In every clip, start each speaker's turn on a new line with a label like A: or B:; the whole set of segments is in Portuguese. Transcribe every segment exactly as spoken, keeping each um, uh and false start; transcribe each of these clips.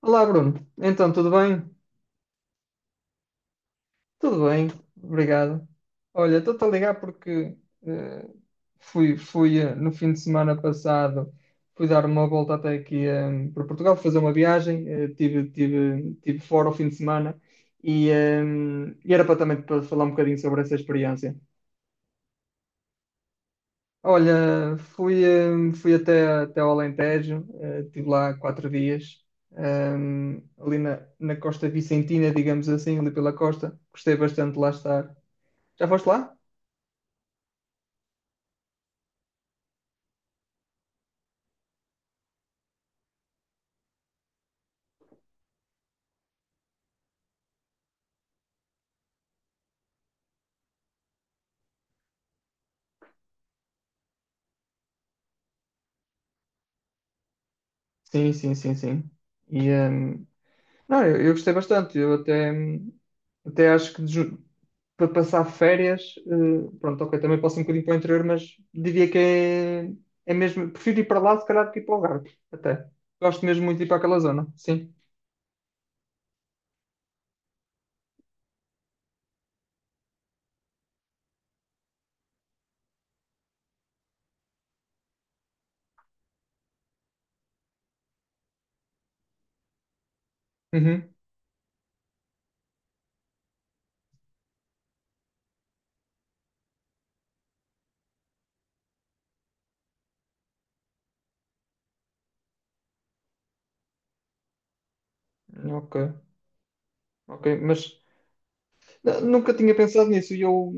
A: Olá, Bruno. Então, tudo bem? Tudo bem, obrigado. Olha, estou-te a ligar porque eh, fui, fui eh, no fim de semana passado, fui dar uma volta até aqui eh, para Portugal, fazer uma viagem. eh, tive, tive, tive fora o fim de semana e, eh, e era para também para falar um bocadinho sobre essa experiência. Olha, fui, hum, fui até, até ao Alentejo, eh, estive lá quatro dias, hum, ali na, na Costa Vicentina, digamos assim, ali pela costa. Gostei bastante de lá estar. Já foste lá? Sim, sim, sim, sim. E, hum, Não, eu, eu gostei bastante. Eu até, até acho que desu- para passar férias, eh, pronto, ok, também posso ir um bocadinho para o interior, mas diria que é, é mesmo. Prefiro ir para lá, se calhar, do que ir para o Algarve. Até. Gosto mesmo muito de ir para aquela zona. Sim. Uhum. Ok, ok, mas n- nunca tinha pensado nisso. e Eu,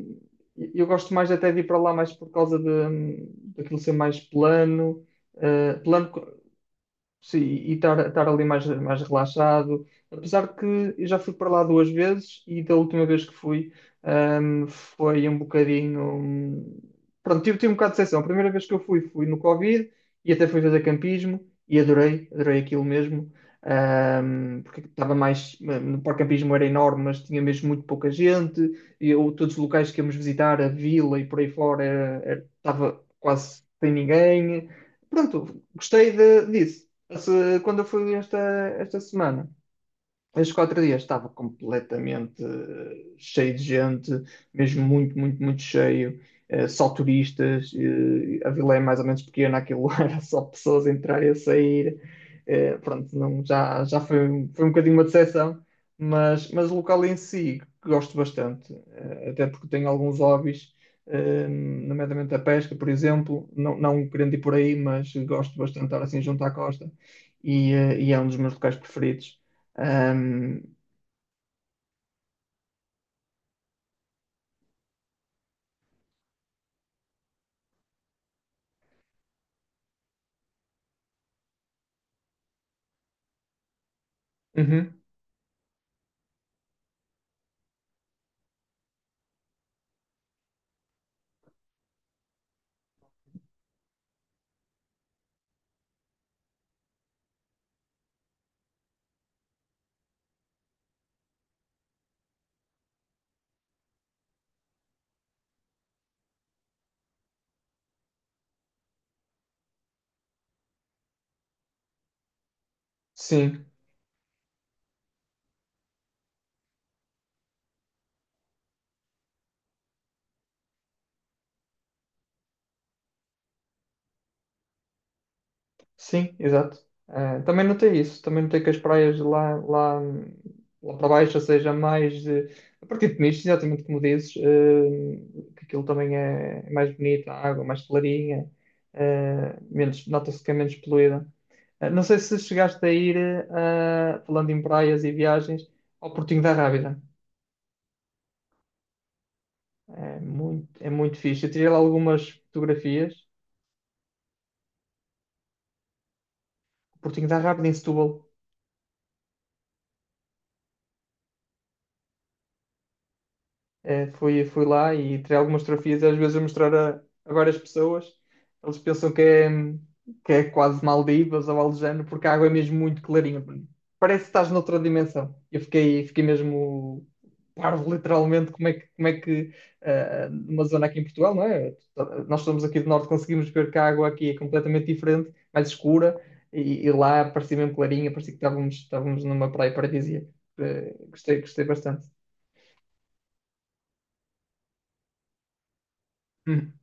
A: eu gosto mais até de ir para lá mais por causa de, hum, daquilo ser mais plano, eh, plano, sim, e estar estar ali mais, mais relaxado. Apesar de que eu já fui para lá duas vezes e da última vez que fui, ahm, foi um bocadinho. hum, Pronto, tive, tive um bocado de decepção. A primeira vez que eu fui, fui no Covid e até fui fazer campismo e adorei, adorei aquilo mesmo. Ahm, porque estava mais. hum, No parque campismo era enorme, mas tinha mesmo muito pouca gente. E eu, todos os locais que íamos visitar, a vila e por aí fora, era- era- estava quase sem ninguém. Pronto, gostei de- disso. Se- quando eu fui esta, esta semana, estes quatro dias estava completamente eh, cheio de gente, mesmo muito, muito, muito cheio, eh, só turistas. Eh, a vila é mais ou menos pequena, aquilo era só pessoas a entrar e a sair. eh, pronto, não, já, já foi, um- foi um bocadinho uma decepção, mas, mas o local em si gosto bastante, eh, até porque tenho alguns hobbies, eh, nomeadamente a pesca, por exemplo. Não, não querendo ir por aí, mas gosto bastante de estar assim junto à costa e, eh, e é um dos meus locais preferidos. Ahm, Uhum. Sim, sim, exato. Ah, também notei isso, também notei que as praias lá, lá, lá para baixo, ou seja, mais de, a partir de nicho, exatamente como dizes, ah, que aquilo também é é mais bonito, a água mais clarinha, ah, menos, nota-se que é menos poluída. Ah, não sei se chegaste a ir, ah, falando em praias e viagens, ao Portinho da Rábida. É muito, é muito fixe. Eu tirei lá algumas fotografias. O Portinho da Rábida em Setúbal. Eh, fui, fui lá e tirei algumas fotografias, às vezes a mostrar a, a várias pessoas. Eles pensam que é, que é quase Maldivas ou algo do género, porque a água é mesmo muito clarinha. Parece que estás noutra dimensão. Eu fiquei, fiquei mesmo parvo, literalmente, como é que, como é que eh, numa zona aqui em Portugal, não é? Nós somos aqui do norte, conseguimos ver que a água aqui é completamente diferente, mais escura, e, e lá parecia mesmo clarinha, parecia que estávamos, estávamos numa praia paradisíaca. Eh, gostei, gostei bastante. Uhum.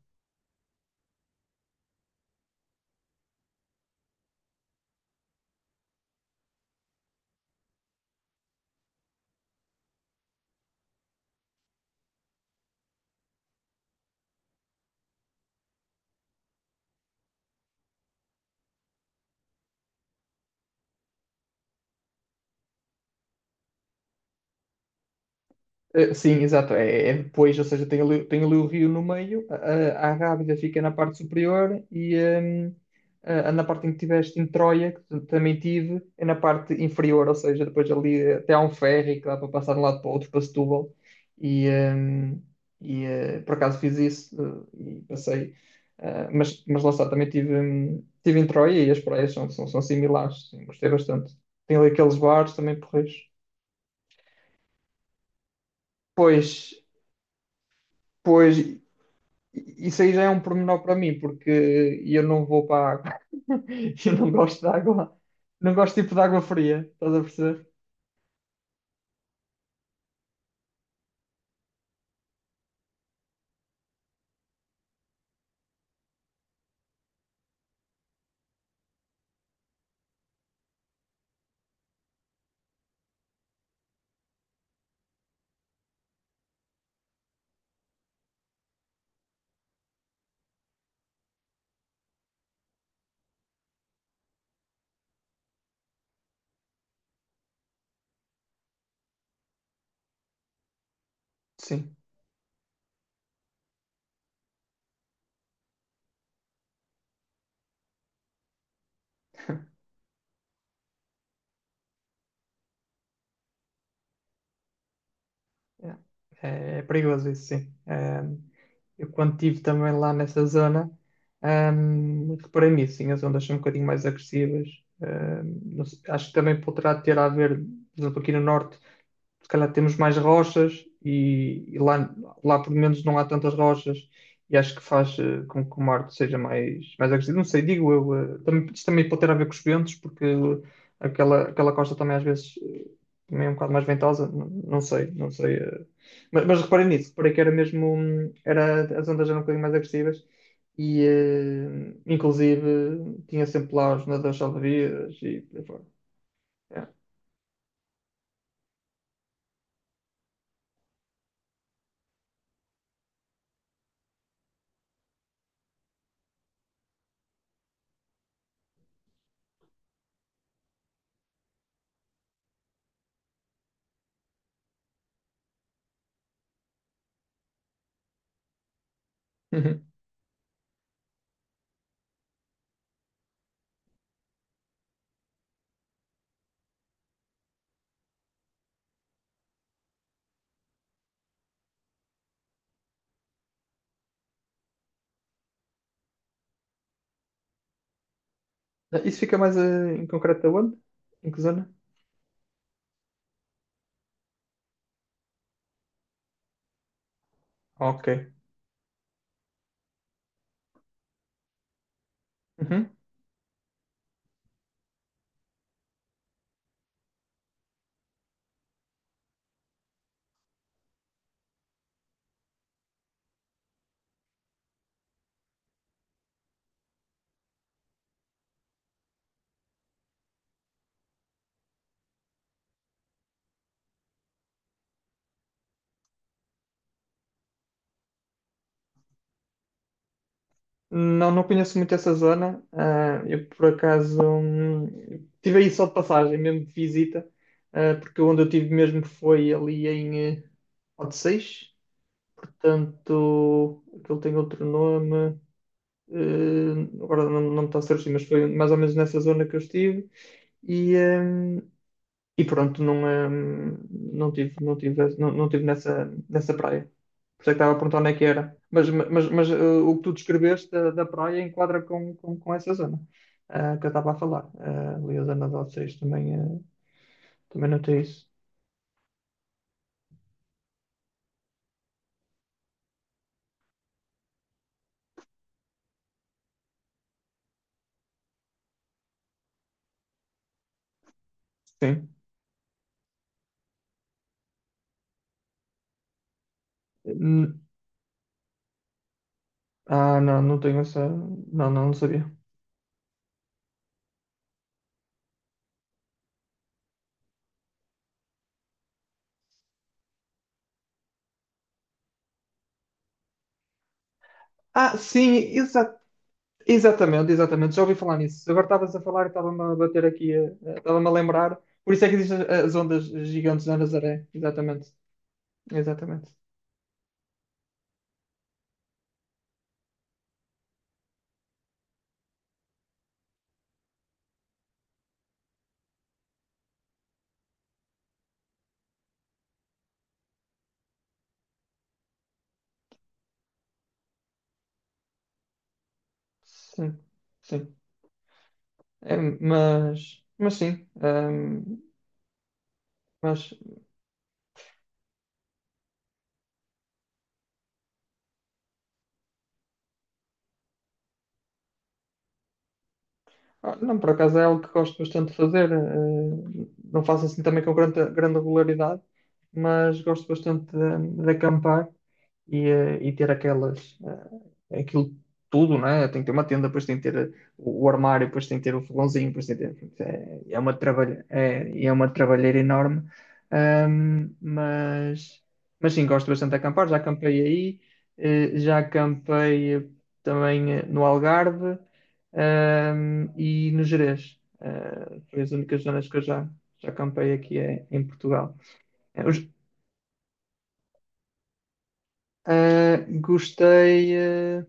A: Eh, sim, exato. É, é depois, ou seja, tem ali, tem ali o rio no meio, a, a Rábida fica na parte superior e hum, a, a- Na parte em que tiveste em Troia, que t- também tive, é na parte inferior, ou seja, depois ali eh, até há um ferry que dá para passar de um lado para o outro, para Setúbal. E, hum, e eh, por acaso fiz isso eh, e passei. Ah, mas, mas lá está, também tive, hum, tive em Troia e as praias são, são, são similares, sim, gostei bastante. Tem ali aqueles bares também porreiros. Pois, pois, isso aí já é um pormenor para mim, porque eu não vou para a água. Eu não gosto de água. Não gosto tipo de água fria, estás a perceber? Sim. Yeah. É, é perigoso isso, sim. É, eu quando estive também lá nessa zona, hum, reparei nisso, sim, as ondas são um bocadinho mais agressivas. Hum, não sei, acho que também poderá ter a ver, por exemplo, aqui no norte. Se calhar temos mais rochas e, e lá, lá pelo menos não há tantas rochas e acho que faz eh, com que o Marte seja mais, mais agressivo. Não sei, digo eu, eh, também, isto também pode ter a ver com os ventos, porque aquela, aquela costa também às vezes eh, também é um bocado mais ventosa, não, não sei, não sei. eh. Mas, mas reparei nisso, reparei que era mesmo, hum, era, as ondas eram um bocadinho mais agressivas e eh, inclusive tinha sempre lá os nadadores salva-vidas e por aí fora. Yeah. Eh, isso fica mais eh, em concreto aonde? Em que zona? Ah, ok. Uhum. Não, não conheço muito essa zona. Ah, eu, por acaso, hum, tive aí só de passagem, mesmo de visita, ah, porque onde eu tive mesmo foi ali em eh, Odeceixe. Portanto, aquilo tem outro nome. eh, Agora não, não me está a surgir, mas foi mais ou menos nessa zona que eu estive. E, hum, e pronto, não, hum, não tive, não tive, não, não tive nessa, nessa praia. Por isso é que estava a perguntar onde é que era. Mas, mas, mas eh, o que tu descreveste da, da praia enquadra com, com, com essa zona eh, que eu estava a falar. Eh, ali a zona de vocês também, eh, também notei isso. Sim. Hum, ah, não, não tenho essa. Não, não, não sabia. Ah, sim, exa exatamente, exatamente. Já ouvi falar nisso. Agora estavas a falar e estava-me a bater aqui, eh, eh, estava-me a lembrar. Por isso é que existem as as ondas gigantes na Nazaré. Exatamente, exatamente. Sim, sim. É, mas, mas sim. Mas, ah, não, por acaso é algo que gosto bastante de fazer. eh, Não faço assim também com grande, grande regularidade, mas gosto bastante de, de acampar. e, eh, e ter aquelas, eh, aquilo tudo, né? Tem que ter uma tenda, depois tem que ter eh, o o armário, depois tem que ter o fogãozinho, depois tem que ter. É, é uma trabalha, é, é uma trabalheira enorme. Ahm, mas, mas sim, gosto bastante de acampar. Já acampei aí, eh, já acampei também eh, no Algarve, ahm, e no Gerês. Ah, foi as únicas zonas que eu já, já acampei aqui eh, em Portugal. Eh, os- ah, gostei. eh,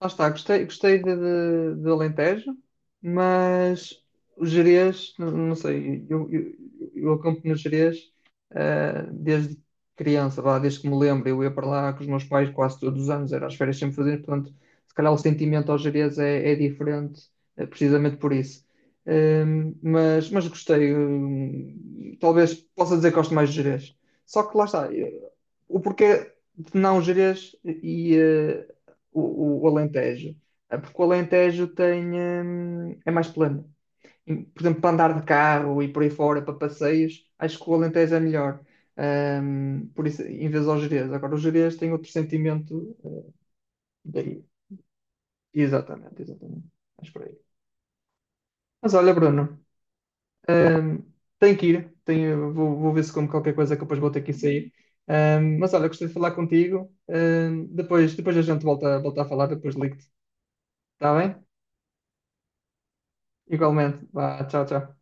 A: Lá está, gostei, gostei de, de, de Alentejo, mas o Gerês, não, não sei, eu, eu, eu acampo no Gerês eh, desde criança, vá, desde que me lembro, eu ia para lá com os meus pais quase todos os anos, era as férias sempre fazer, portanto, se calhar o sentimento ao Gerês é, é diferente, eh, precisamente por isso. Ehm, mas, mas gostei, hum, talvez possa dizer que gosto mais de Gerês. Só que lá está, eu- o porquê de não Gerês e eh, o, o Alentejo. Eh, porque o Alentejo tem, hum, é mais plano. E, por exemplo, para andar de carro e por aí fora, para passeios, acho que o Alentejo é melhor. Hum, por isso, em vez aos Gerês. Agora, os Gerês têm outro sentimento eh, daí. Exatamente, exatamente. Mas por aí. Mas olha, Bruno, hum, tenho que ir. Tenho, vou, vou ver se como qualquer coisa que depois vou ter que sair. Hum, mas olha, gostei de falar contigo. Hum, depois, depois a gente volta, volta a falar, depois ligo-te. Está bem? Igualmente. Vá, tchau, tchau.